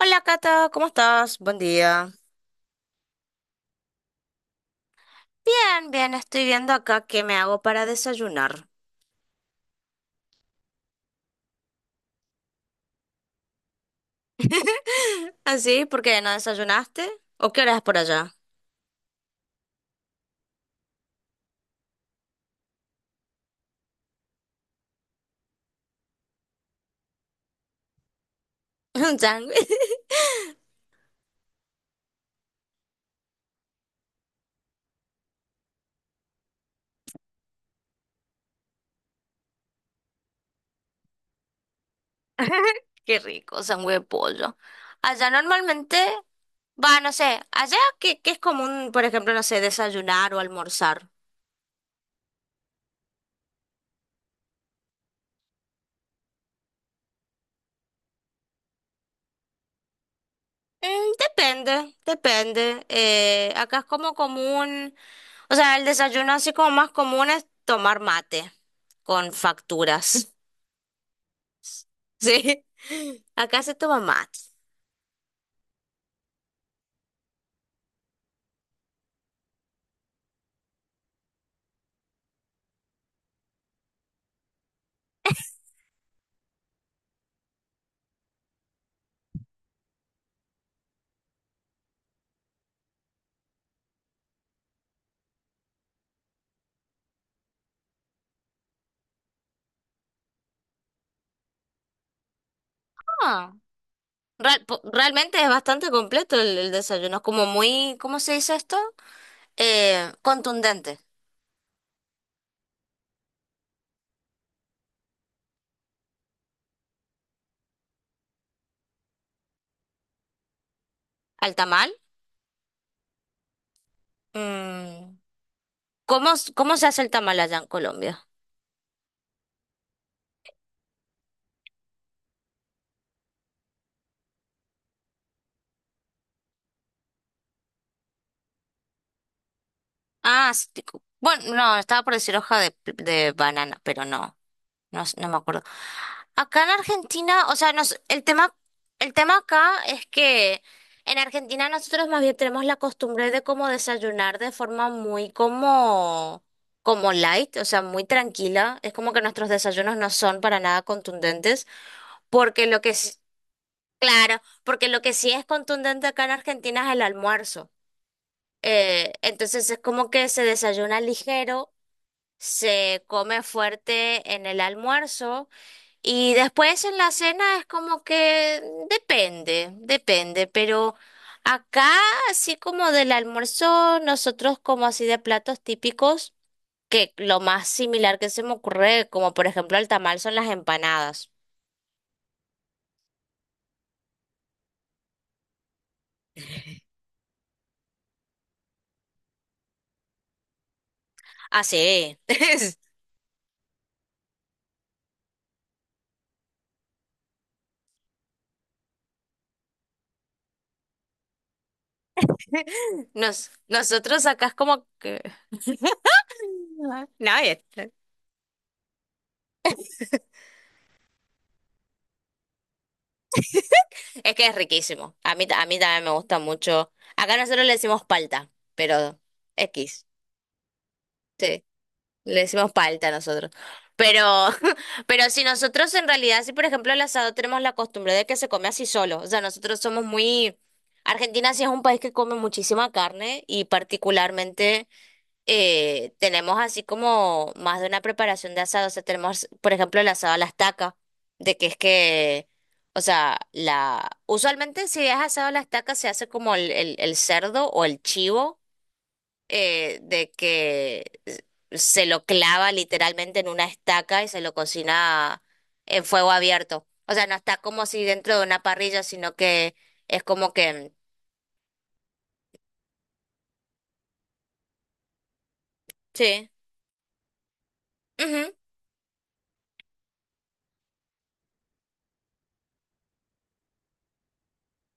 Hola Cata, ¿cómo estás? Buen día. Bien, bien, estoy viendo acá qué me hago para desayunar. ¿Así? ¿Por qué no desayunaste? ¿O qué hora es por allá? Un sándwich. Qué rico, sándwich de pollo. Allá normalmente, va, no sé, allá qué es común, por ejemplo, no sé, desayunar o almorzar. Mm, depende, depende. Acá es como común, o sea, el desayuno así como más común es tomar mate con facturas. Sí, acá se toma mate. Ah, realmente es bastante completo el desayuno. Es como muy, ¿cómo se dice esto? Contundente. ¿Al tamal? Mm, ¿Cómo se hace el tamal allá en Colombia? Ah, sí, bueno, no, estaba por decir hoja de banana, pero no, no, no me acuerdo. Acá en Argentina, o sea, el tema acá es que en Argentina nosotros más bien tenemos la costumbre de como desayunar de forma muy como light, o sea, muy tranquila. Es como que nuestros desayunos no son para nada contundentes, porque lo que es, claro, porque lo que sí es contundente acá en Argentina es el almuerzo. Entonces es como que se desayuna ligero, se come fuerte en el almuerzo. Y después en la cena es como que depende, depende, pero acá así como del almuerzo, nosotros como así de platos típicos, que lo más similar que se me ocurre, como por ejemplo el tamal, son las empanadas. Ah, sí. Nosotros acá es como que... No, es que es riquísimo. A mí también me gusta mucho. Acá nosotros le decimos palta, pero X. Sí. Le decimos palta nosotros. Pero, pero si nosotros en realidad, si por ejemplo el asado tenemos la costumbre de que se come así solo, o sea, nosotros somos muy... Argentina sí es un país que come muchísima carne y particularmente tenemos así como más de una preparación de asado, o sea, tenemos por ejemplo el asado a la estaca, de que es que, o sea, la... Usualmente si es asado a la estaca se hace como el cerdo o el chivo, de que se lo clava literalmente en una estaca y se lo cocina en fuego abierto. O sea, no está como si dentro de una parrilla, sino que es como que... Sí. Ujú.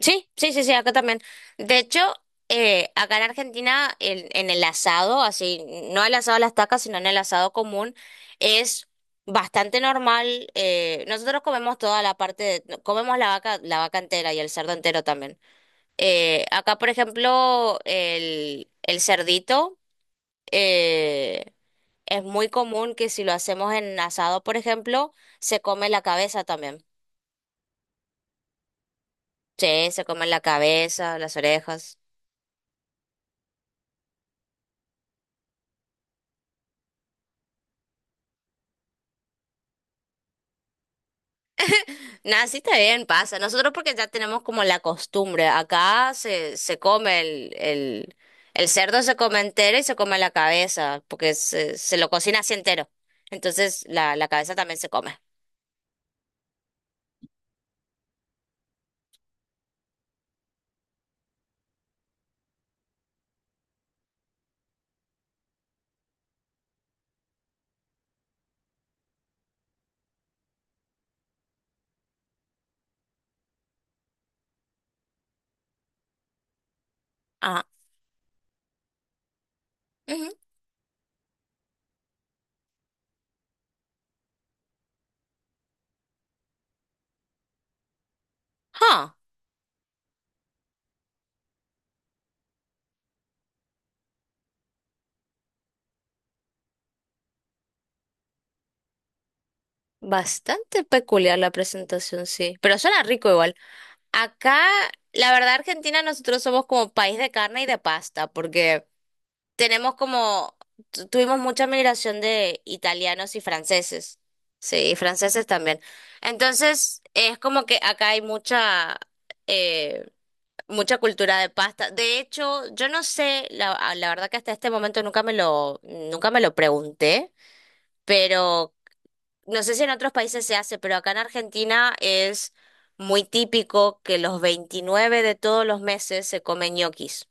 Sí, sí, sí, sí, acá también. De hecho, acá en Argentina, en el asado, así, no el asado a las estaca, sino en el asado común, es... Bastante normal, nosotros comemos toda la parte de, comemos la vaca entera y el cerdo entero también. Acá, por ejemplo, el cerdito, eh, es muy común que si lo hacemos en asado, por ejemplo, se come la cabeza también. Sí, se come la cabeza, las orejas. Nada, sí está bien, pasa. Nosotros porque ya tenemos como la costumbre. Acá se come el, cerdo, se come entero y se come la cabeza, porque se lo cocina así entero. Entonces la cabeza también se come. Ajá. Ujú. Ah. Bastante peculiar la presentación, sí, pero suena rico igual. Acá, la verdad, Argentina, nosotros somos como país de carne y de pasta, porque tenemos como, tuvimos mucha migración de italianos y franceses, sí, y franceses también. Entonces, es como que acá hay eh, mucha cultura de pasta. De hecho, yo no sé, la verdad que hasta este momento nunca me lo pregunté. Pero no sé si en otros países se hace, pero acá en Argentina es muy típico que los 29 de todos los meses se comen ñoquis.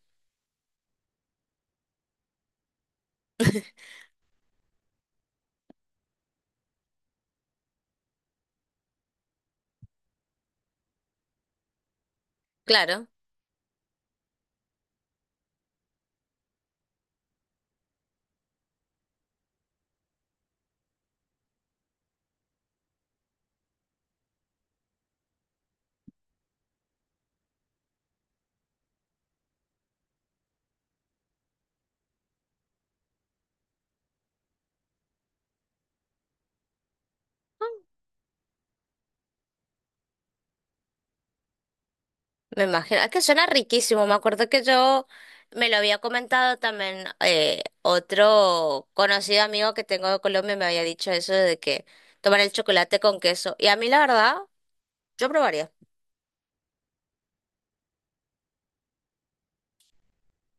Claro. Me imagino. Es que suena riquísimo. Me acuerdo que yo me lo había comentado también, otro conocido amigo que tengo de Colombia me había dicho eso de que tomar el chocolate con queso. Y a mí la verdad, yo probaría.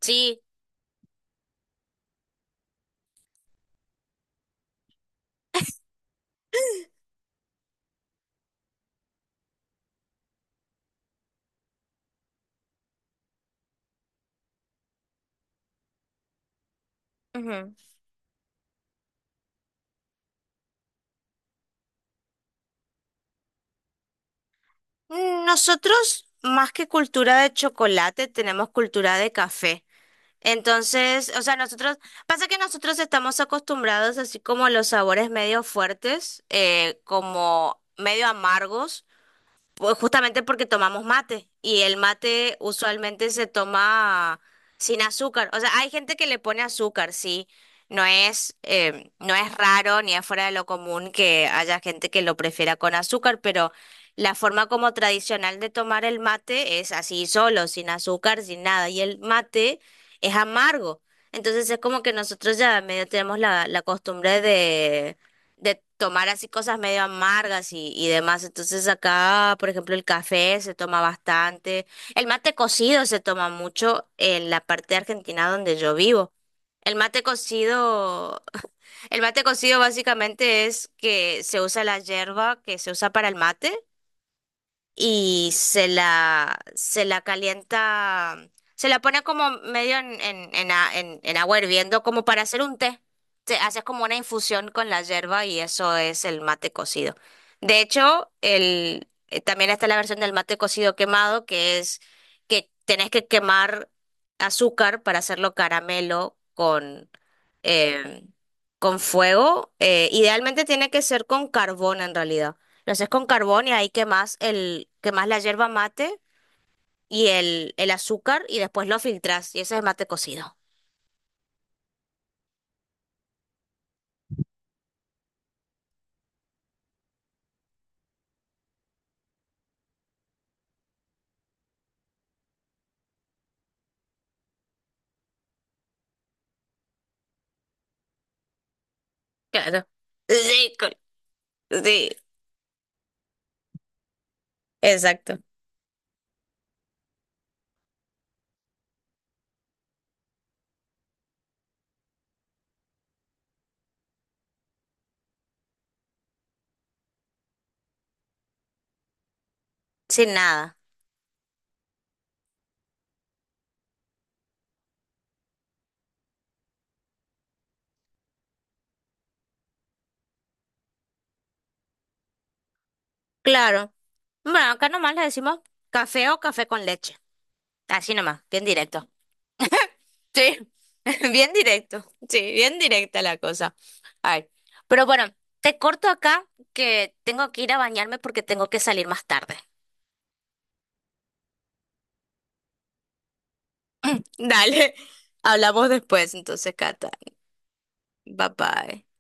Sí. Ujú. Nosotros, más que cultura de chocolate, tenemos cultura de café. Entonces, o sea, nosotros, pasa que nosotros estamos acostumbrados así como a los sabores medio fuertes, como medio amargos. Pues justamente porque tomamos mate y el mate usualmente se toma sin azúcar. O sea, hay gente que le pone azúcar, sí. No es raro ni es fuera de lo común que haya gente que lo prefiera con azúcar, pero la forma como tradicional de tomar el mate es así solo, sin azúcar, sin nada. Y el mate es amargo. Entonces es como que nosotros ya medio tenemos la costumbre de tomar así cosas medio amargas y demás. Entonces acá, por ejemplo, el café se toma bastante, el mate cocido se toma mucho en la parte de Argentina donde yo vivo. El mate cocido, el mate cocido básicamente es que se usa la yerba que se usa para el mate y se la calienta, se la pone como medio en agua hirviendo, como para hacer un té. Te haces como una infusión con la yerba y eso es el mate cocido. De hecho, también está la versión del mate cocido quemado, que es que tenés que quemar azúcar para hacerlo caramelo eh, con fuego. Idealmente tiene que ser con carbón en realidad. Lo haces con carbón y ahí quemas la yerba mate y el azúcar y después lo filtras y ese es mate cocido. Claro. Sí, co- sí, exacto. Sin nada. Claro. Bueno, acá nomás le decimos café o café con leche. Así nomás, bien directo. Sí, bien directo, sí, bien directa la cosa. Ay, pero bueno, te corto acá que tengo que ir a bañarme porque tengo que salir más tarde. Dale, hablamos después, entonces, Cata. Bye bye.